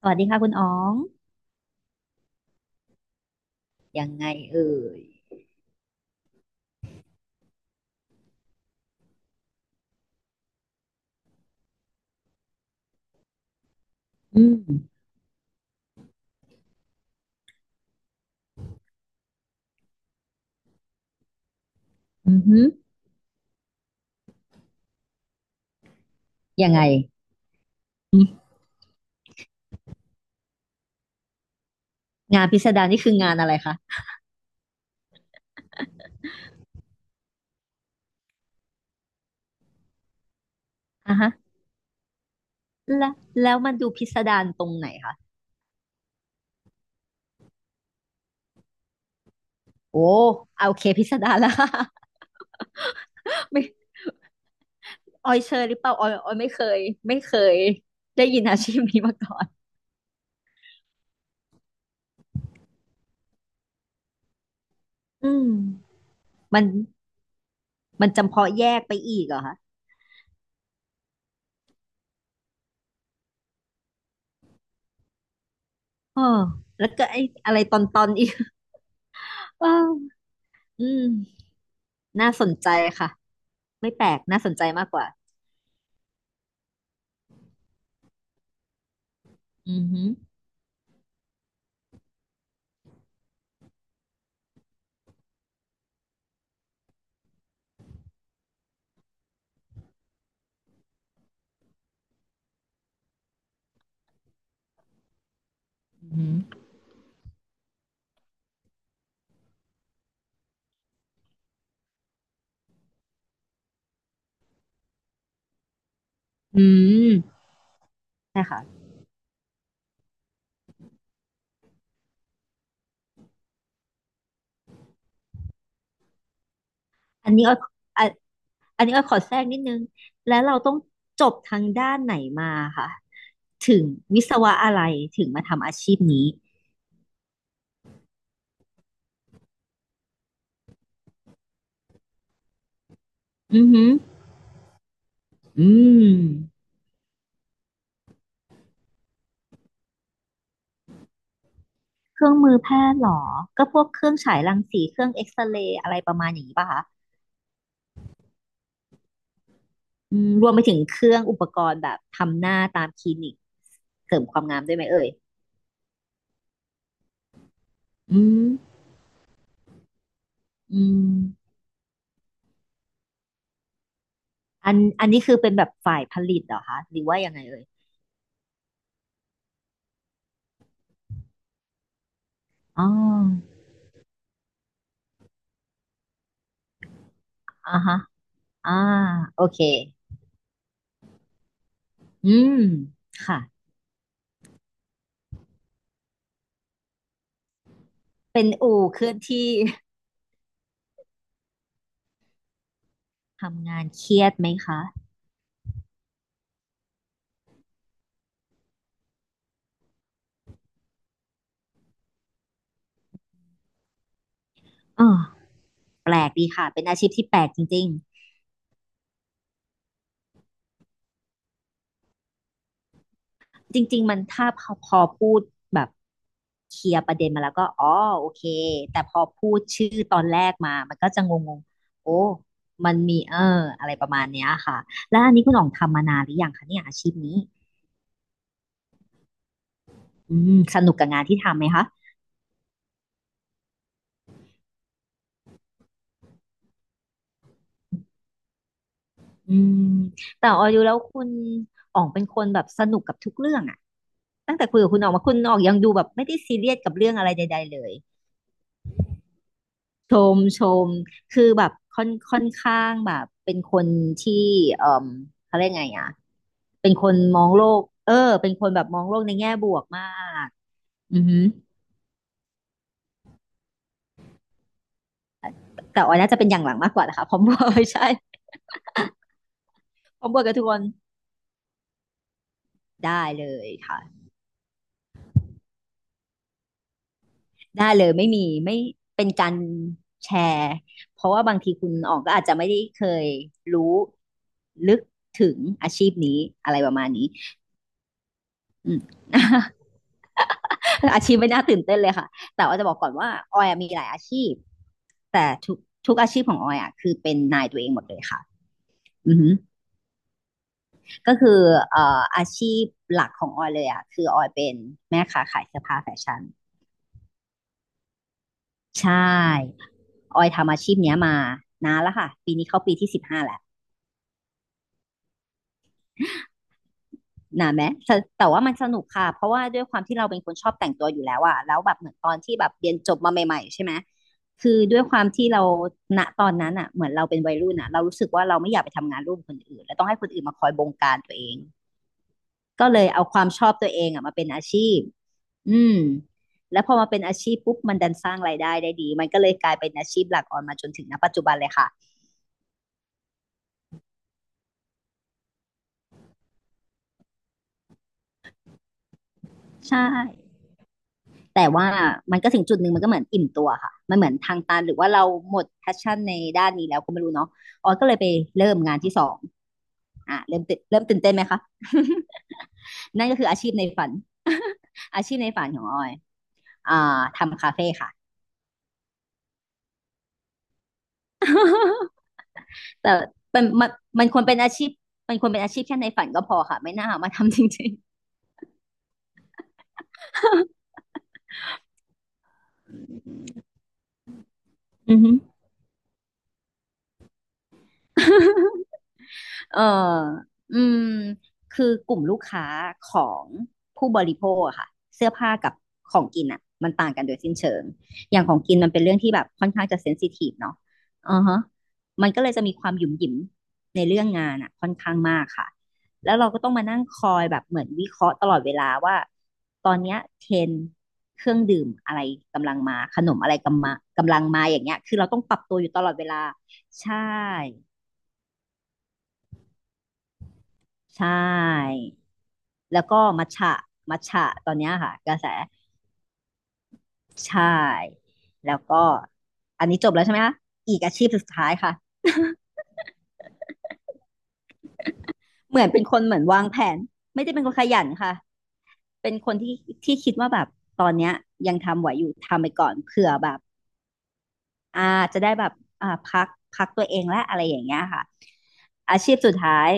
สวัสดีค่ะคุณอ๋องยังไงเอ่ยอืมอือหือยังไงอืมงานพิสดารนี่คืองานอะไรคะอ่ะฮะแล้วมันดูพิสดารตรงไหนคะโอ้เอาโอเคพิสดารแล้ว ไม่ออยเชยหรือเปล่าออยไม่เคยไม่เคยได้ยินอาชีพนี้มาก่อนอืมมันมันจำเพาะแยกไปอีกเหรอคะอ๋อแล้วก็ไอ้อะไรตอนอีกอ้าวอืมน่าสนใจค่ะ ไม่แปลกน่าสนใจมากกว่า อือหืออือหืออืม นะคะอันนี้อ้อยอะอันนี้อ้อยขอแทรกนิดนึงแล้วเราต้องจบทางด้านไหนมาค่ะถึงวิศวะอะไรถึงมาทำอาชีพนี้อือหืออืมเครื่องมือแพทย์เหรอก็พวกเครื่องฉายรังสีเครื่องเอ็กซเรย์อะไรประมาณอย่างนี้ป่ะคะอืมรวมไปถึงเครื่องอุปกรณ์แบบทำหน้าตามคลินิกเสริมความงามด้วยไหมเอ่ยอืมอืมอันนี้คือเป็นแบบฝ่ายผลิตเหรอคะหรือว่ายังไงเอ่ยอ๋ออ่าฮะอ่าโอเค อืมค่ะเป็นอู่เคลื่อนที่ ทำงานเครียดไหมคะอ่แปลกดีค่ะเป็นอาชีพที่แปลกจริงๆจริงๆมันถ้าพอพูดแบบเคลียร์ประเด็นมาแล้วก็อ๋อโอเคแต่พอพูดชื่อตอนแรกมามันก็จะงงๆโอ้มันมีอะไรประมาณเนี้ยค่ะแล้วอันนี้คุณอ๋องทำมานานหรือยังคะเนี่ยอาชีพนี้อืมสนุกกับงานที่ทำไหมคะ อืมแต่ออยดูแล้วคุณอ๋องเป็นคนแบบสนุกกับทุกเรื่องอะตั้งแต่คุยกับคุณอ๋องมาคุณอ๋องยังดูแบบไม่ได้ซีเรียสกับเรื่องอะไรใดๆเลยชมชมคือแบบค่อนข้างแบบเป็นคนที่เอ่อเขาเรียกไงอะเป็นคนมองโลกเป็นคนแบบมองโลกในแง่บวกมากอือฮึแต่ออยน่าจะเป็นอย่างหลังมากกว่านะคะพร้อมบวก ไม่ใช่พร้อมบวกกับทุกคนได้เลยค่ะ ได้เลยไม่มีไม่เป็นการแชร์เพราะว่าบางทีคุณออกก็อาจจะไม่ได้เคยรู้ลึกถึงอาชีพนี้อะไรประมาณนี้อืม อาชีพไม่น่าตื่นเต้นเลยค่ะแต่ว่าจะบอกก่อนว่าออยอะมีหลายอาชีพแต่ทุกอาชีพของออยอ่ะคือเป็นนายตัวเองหมดเลยค่ะอือหือก็คือเอ่ออาชีพหลักของออยเลยอ่ะคือออยเป็นแม่ค้าขายเสื้อผ้าแฟชั่นใช่ออยทำอาชีพเนี้ยมานานแล้วค่ะปีนี้เข้าปีที่15แล้ว หนาไหมแต่ว่ามันสนุกค่ะเพราะว่าด้วยความที่เราเป็นคนชอบแต่งตัวอยู่แล้วอะแล้วแบบเหมือนตอนที่แบบเรียนจบมาใหม่ๆใช่ไหมคือด้วยความที่เราณตอนนั้นอะเหมือนเราเป็นวัยรุ่นอะเรารู้สึกว่าเราไม่อยากไปทำงานร่วมคนอื่นและต้องให้คนอื่นมาคอยบงการตัวเองก็เลยเอาความชอบตัวเองอะมาเป็นอาชีพอืมแล้วพอมาเป็นอาชีพปุ๊บมันดันสร้างรายได้ได้ดีมันก็เลยกลายเป็นอาชีพหลักออนมาจนถึงณปัจจุบันเลยค่ะใช่ แต่ว่ามันก็ถึงจุดหนึ่งมันก็เหมือนอิ่มตัวค่ะมันเหมือนทางตันหรือว่าเราหมดแพชชั่นในด้านนี้แล้วก็ไม่รู้เนาะออยก็เลยไปเริ่มงานที่สองอ่ะเริ่มตื่นเต้นไหมคะ นั่นก็คืออาชีพในฝันอาชีพในฝันของออยอ่าทำคาเฟ่ค่ะ แต่มันมันควรเป็นอาชีพมันควรเป็นอาชีพแค่ในฝันก็พอค่ะไม่น่ามาทำจริงๆ อือฮึ ๆ เอออืมคือกลุ่มลูกค้าของผู้บริโภคอะค่ะเสื้อผ้ากับของกินอะมันต่างกันโดยสิ้นเชิงอย่างของกินมันเป็นเรื่องที่แบบค่อนข้างจะเซนซิทีฟเนาะอือฮะมันก็เลยจะมีความหยุ่มหยิมในเรื่องงานอะค่อนข้างมากค่ะ แล้วเราก็ต้องมานั่งคอยแบบเหมือนวิเคราะห์ตลอดเวลาว่าตอนเนี้ยเทรนด์เครื่องดื่มอะไรกำลังมาขนมอะไรกำมากำลังมาอย่างเงี้ยคือเราต้องปรับตัวอยู่ตลอดเวลาใช่ใช่ แล้วก็มัทฉะมัทฉะตอนเนี้ยค่ะกระแสใช่แล้วก็อันนี้จบแล้วใช่ไหมคะอีกอาชีพสุดท้ายค่ะเหมือนเป็นคนเหมือนวางแผนไม่ได้เป็นคนขยันค่ะเป็นคนที่คิดว่าแบบตอนเนี้ยยังทำไหวอยู่ทำไปก่อนเผื่อแบบอ่าจะได้แบบพักพักตัวเองและอะไรอย่างเงี้ยค่ะอาชีพสุดท้าย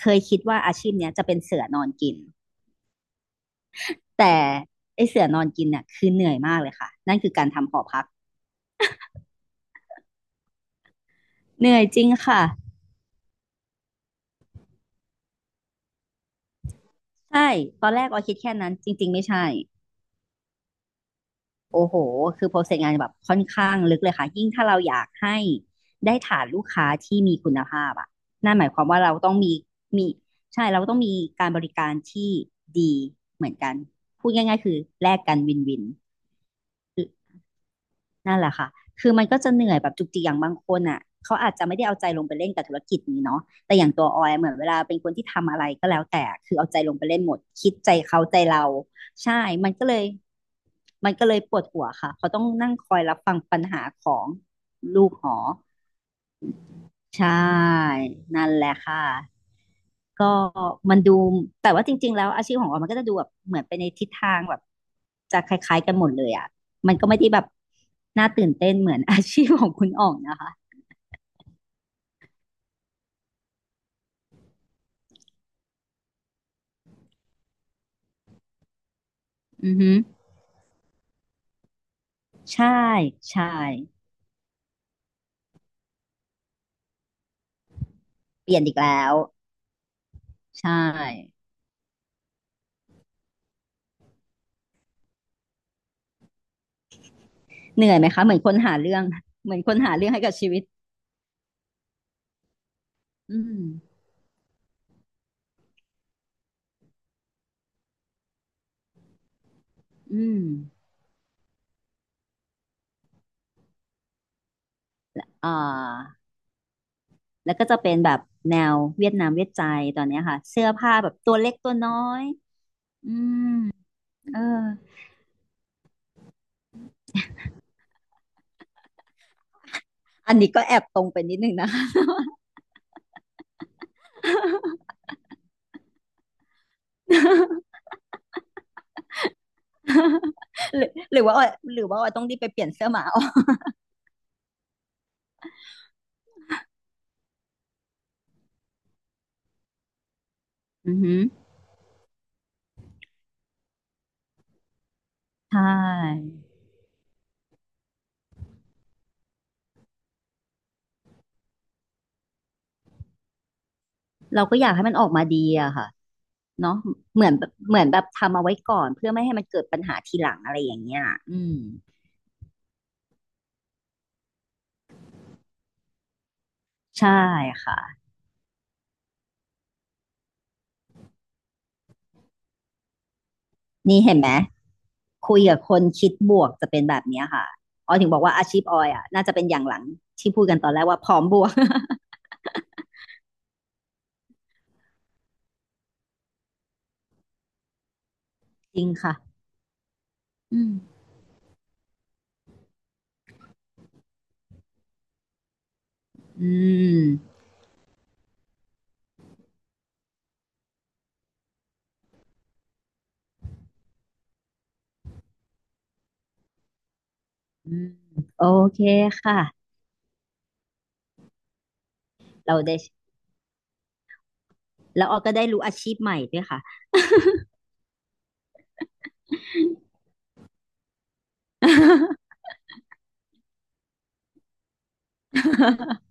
เคยคิดว่าอาชีพเนี้ยจะเป็นเสือนอนกินแต่ไอเสือนอนกินเนี่ยคือเหนื่อยมากเลยค่ะนั่นคือการทำหอพักเหนื่อยจริงค่ะ ใช่ ตอนแรกออยคิดแค่นั้น จริงๆ ไม่ใช่ โอ้โห คือโปรเซสงานแบบค่อนข้างลึกเลยค่ะ ยิ่งถ้าเราอยากให้ได้ฐานลูกค้าที่มีคุณภาพอ่ะนั่นหมายความว่าเราต้องมีมี ใช่ เราต้องมีการบริการที่ดีเหมือนกัน พูดง่ายๆ คือแลกกันวินวิน นั่นแหละค่ะ คือมันก็จะเหนื่อยแบบจุกจิกอย่างบางคนอ่ะเขาอาจจะไม่ได้เอาใจลงไปเล่นกับธุรกิจนี้เนาะแต่อย่างตัวออยเหมือนเวลาเป็นคนที่ทำอะไรก็แล้วแต่ คือเอาใจลงไปเล่นหมด คิดใจเขาใจเรา ใช่ มันก็เลยปวดหัวค่ะเขาต้องนั่งคอยรับฟังปัญหาของลูกหอ ใช่นั่นแหละค่ะก็มันดูแต่ว่าจริงๆแล้วอาชีพของเรามันก็จะดูแบบเหมือนไปในทิศทางแบบจะคล้ายๆกันหมดเลยอ่ะมันก็ไม่ได้แบบน่าตื่นเต้นเหมือน อาชีพของคุณอ่องนะคะอือฮึใช่ใช่เปลี่ยนอีกแล้วใช่เหนื่อยไหมคะเหมือนคนหาเรื่องเหมือนคนหาเรื่องให้กับชีวิตอืมอืมอ่าแล้วก็จะเป็นแบบแนวเวียดนามเวียดใจตอนเนี้ยค่ะเสื้อผ้าแบบตัวเล็กตัวน้อยอืม เอออันนี้ก็แอบตรงไปนิดนึงนะคะ หรือหรือว่าออยหรือว่าออยต้องรีบไปเปลี่ยนเสื้อหมาออกอือหือใช่เราก็อยากให้มันออกมาดีอะค่ะเนาะเหมือนแบบทำเอาไว้ก่อนเพื่อไม่ให้มันเกิดปัญหาทีหลังอะไรอย่างเงี้ยอืมใช่ค่ะนี่เห็นไหมคุยกับคนคิดบวกจะเป็นแบบเนี้ยค่ะออยถึงบอกว่าอาชีพออยอะน่าจะเป็นอย่างหลังที่พูดกันตอนแรกว่าพร้อมบวก จริงค่ะอืมอืมอืมโอเคค่ะเราได้ แล้วออก็ได้รู้อาชีพใหม่ด้วยค่ะ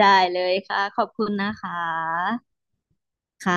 ได้เลยค่ะ ขอบคุณนะคะ ค่ะ